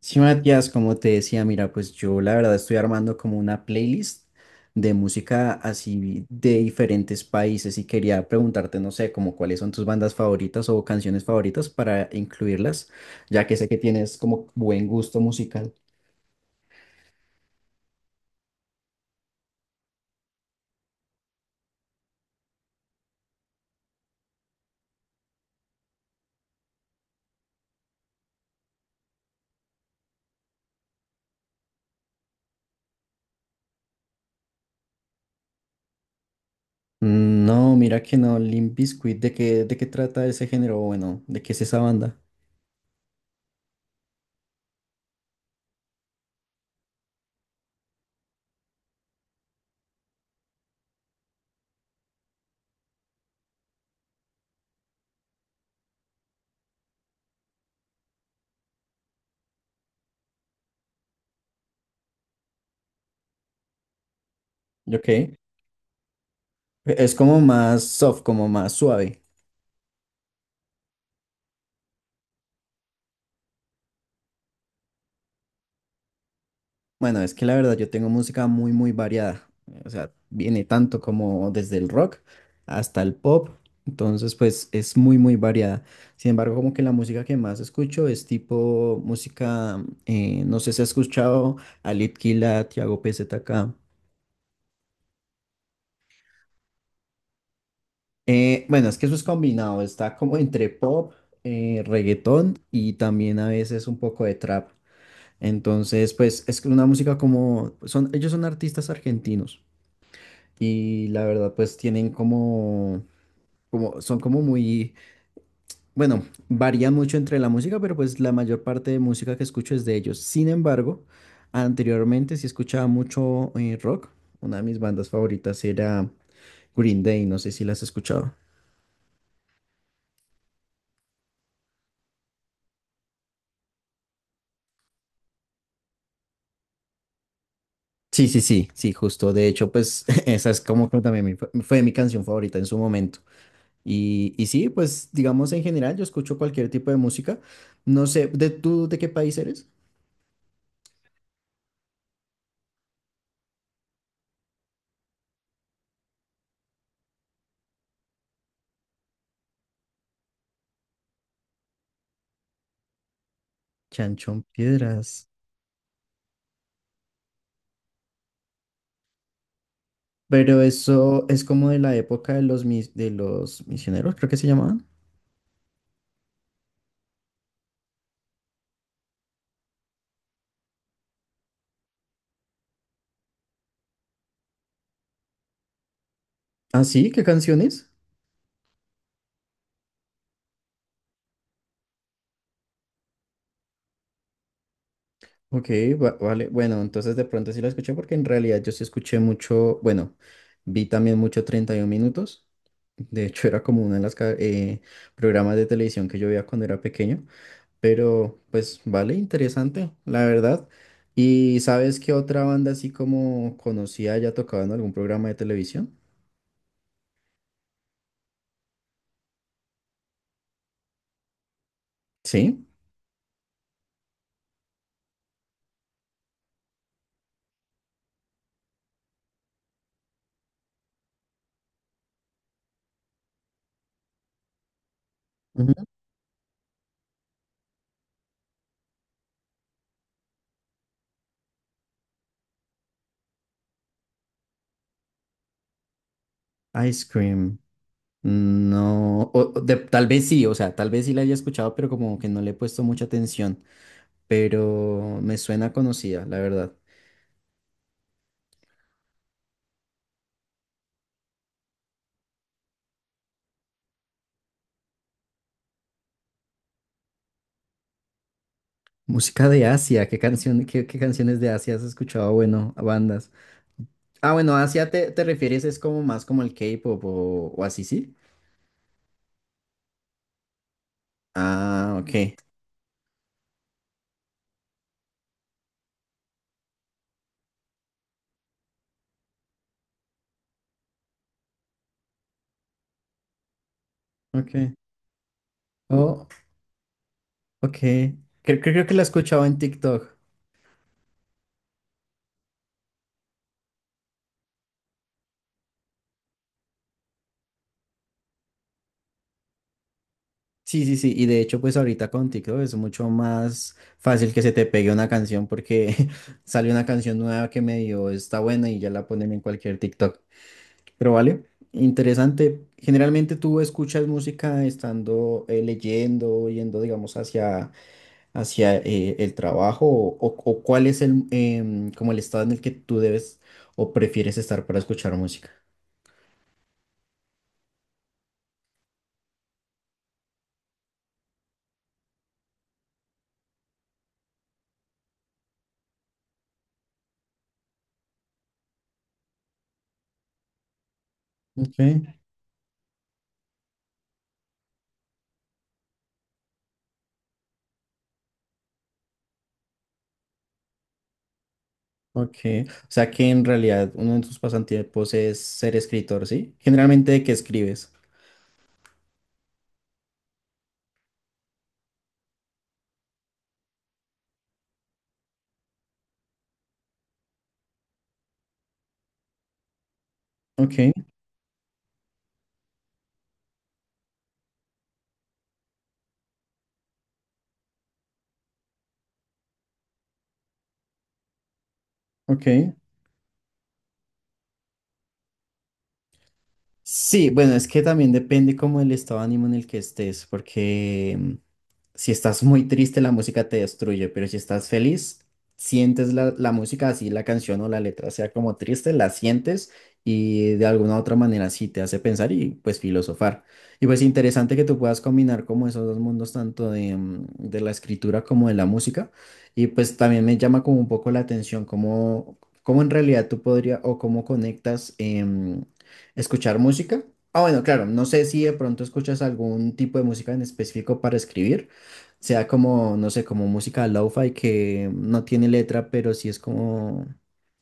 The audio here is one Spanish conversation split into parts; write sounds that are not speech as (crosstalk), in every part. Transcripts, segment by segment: Sí, Matías, como te decía, mira, pues yo la verdad estoy armando como una playlist de música así de diferentes países y quería preguntarte, no sé, como cuáles son tus bandas favoritas o canciones favoritas para incluirlas, ya que sé que tienes como buen gusto musical. No, mira que no, Limp Bizkit, de qué trata ese género? Bueno, ¿de qué es esa banda? Ok, e-, es como más soft, como más suave. Bueno, es que la verdad yo tengo música muy variada. O sea, viene tanto como desde el rock hasta el pop. Entonces, pues es muy variada. Sin embargo, como que la música que más escucho es tipo música, no sé si has escuchado a Litkila, Tiago PZK. Bueno, es que eso es combinado, está como entre pop, reggaetón y también a veces un poco de trap. Entonces, pues es una música ellos son artistas argentinos. Y la verdad, pues tienen son como bueno, varían mucho entre la música, pero pues la mayor parte de música que escucho es de ellos. Sin embargo, anteriormente sí escuchaba mucho rock. Una de mis bandas favoritas era Green Day, no sé si las has escuchado. Sí, sí, sí, sí, justo. De hecho, pues (laughs) esa es como que también fue mi canción favorita en su momento. Y sí, pues digamos en general, yo escucho cualquier tipo de música. No sé, ¿de tú de qué país eres? Chanchón Piedras. Pero eso es como de la época de de los misioneros, creo que se llamaban. ¿Ah, sí? ¿Qué canciones? Ok, vale. Bueno, entonces de pronto sí la escuché porque en realidad yo sí escuché mucho, bueno, vi también mucho 31 minutos. De hecho, era como uno de los programas de televisión que yo veía cuando era pequeño. Pero, pues, vale, interesante, la verdad. ¿Y sabes qué otra banda así como conocía ya tocaba en algún programa de televisión? Sí. Ujú. Ice Cream. No, tal vez sí, o sea, tal vez sí la haya escuchado, pero como que no le he puesto mucha atención, pero me suena conocida, la verdad. Música de Asia, ¿qué, qué canciones de Asia has escuchado? Ah, bueno, a bandas. Ah, bueno, Asia te refieres es como más como el K-pop o así, ¿sí? Ah, ok. Oh, ok. Creo que la he escuchado en TikTok. Sí, sí, sí, y de hecho pues ahorita con TikTok es mucho más fácil que se te pegue una canción porque (laughs) sale una canción nueva que medio está buena y ya la ponen en cualquier TikTok. Pero vale, interesante. Generalmente tú escuchas música estando leyendo, yendo digamos hacia el trabajo o cuál es el como el estado en el que tú debes o prefieres estar para escuchar música. Ok. Ok, o sea que en realidad uno de tus pasatiempos es ser escritor, ¿sí? Generalmente, ¿de qué escribes? Ok, ok. Sí, bueno, es que también depende como el estado de ánimo en el que estés, porque si estás muy triste la música te destruye, pero si estás feliz, sientes la música así, la canción o la letra sea como triste, la sientes y de alguna u otra manera sí te hace pensar y pues filosofar. Y pues interesante que tú puedas combinar como esos dos mundos, tanto de, de la escritura como de la música. Y pues también me llama como un poco la atención cómo en realidad tú podrías o cómo conectas. ¿Escuchar música? Ah, bueno, claro, no sé si de pronto escuchas algún tipo de música en específico para escribir, sea como, no sé, como música lo-fi que no tiene letra, pero sí es como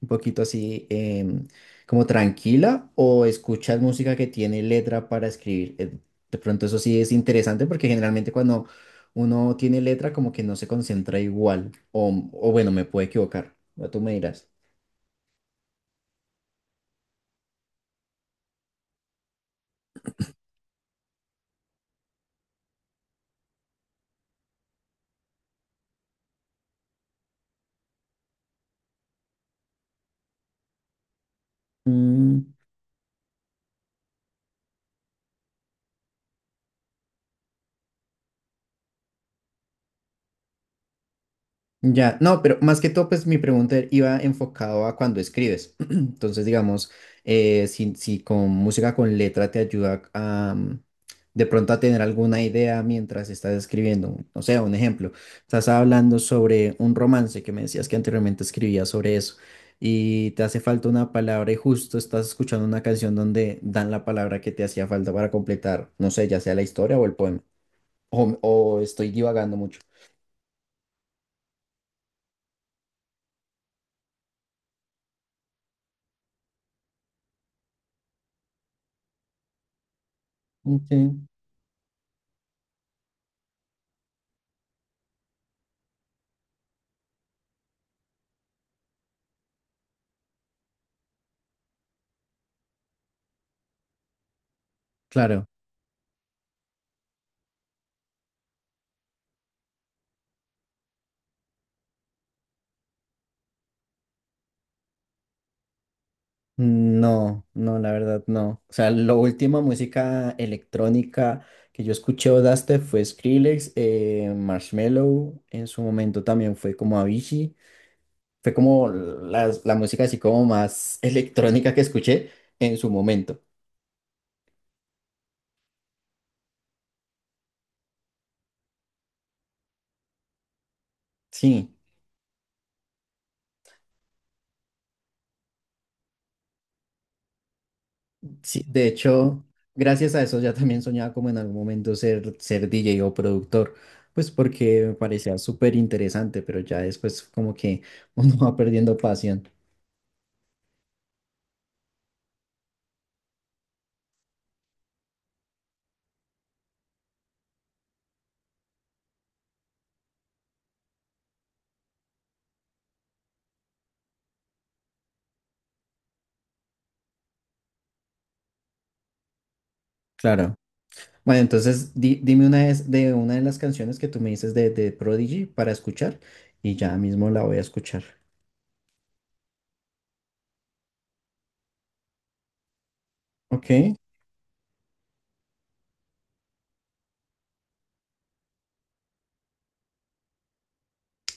un poquito así, como tranquila, o escuchas música que tiene letra para escribir. De pronto eso sí es interesante porque generalmente cuando uno tiene letra como que no se concentra igual, o bueno, me puedo equivocar, ya tú me dirás. Ya, no, pero más que todo, pues mi pregunta iba enfocado a cuando escribes. (clears throat) Entonces, digamos, si con música con letra te ayuda a de pronto a tener alguna idea mientras estás escribiendo. No sé, un ejemplo, estás hablando sobre un romance que me decías que anteriormente escribías sobre eso y te hace falta una palabra y justo estás escuchando una canción donde dan la palabra que te hacía falta para completar, no sé, ya sea la historia o el poema. O estoy divagando mucho. Ok. Claro. No, no, la verdad no. O sea, la última música electrónica que yo escuché o daste fue Skrillex, Marshmello, en su momento también fue como Avicii. Fue como la música así como más (laughs) electrónica que escuché en su momento. Sí, sí, de hecho, gracias a eso ya también soñaba como en algún momento ser DJ o productor, pues porque me parecía súper interesante, pero ya después como que (laughs) uno va perdiendo pasión. Claro. Bueno, entonces dime una vez de una de las canciones que tú me dices de Prodigy para escuchar y ya mismo la voy a escuchar. Ok.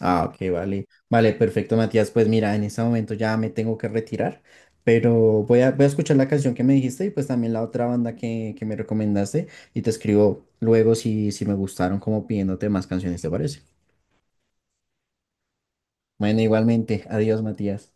Ah, ok, vale. Vale, perfecto, Matías. Pues mira, en este momento ya me tengo que retirar, pero voy a escuchar la canción que me dijiste y pues también la otra banda que me recomendaste y te escribo luego si me gustaron como pidiéndote más canciones, ¿te parece? Bueno, igualmente. Adiós, Matías.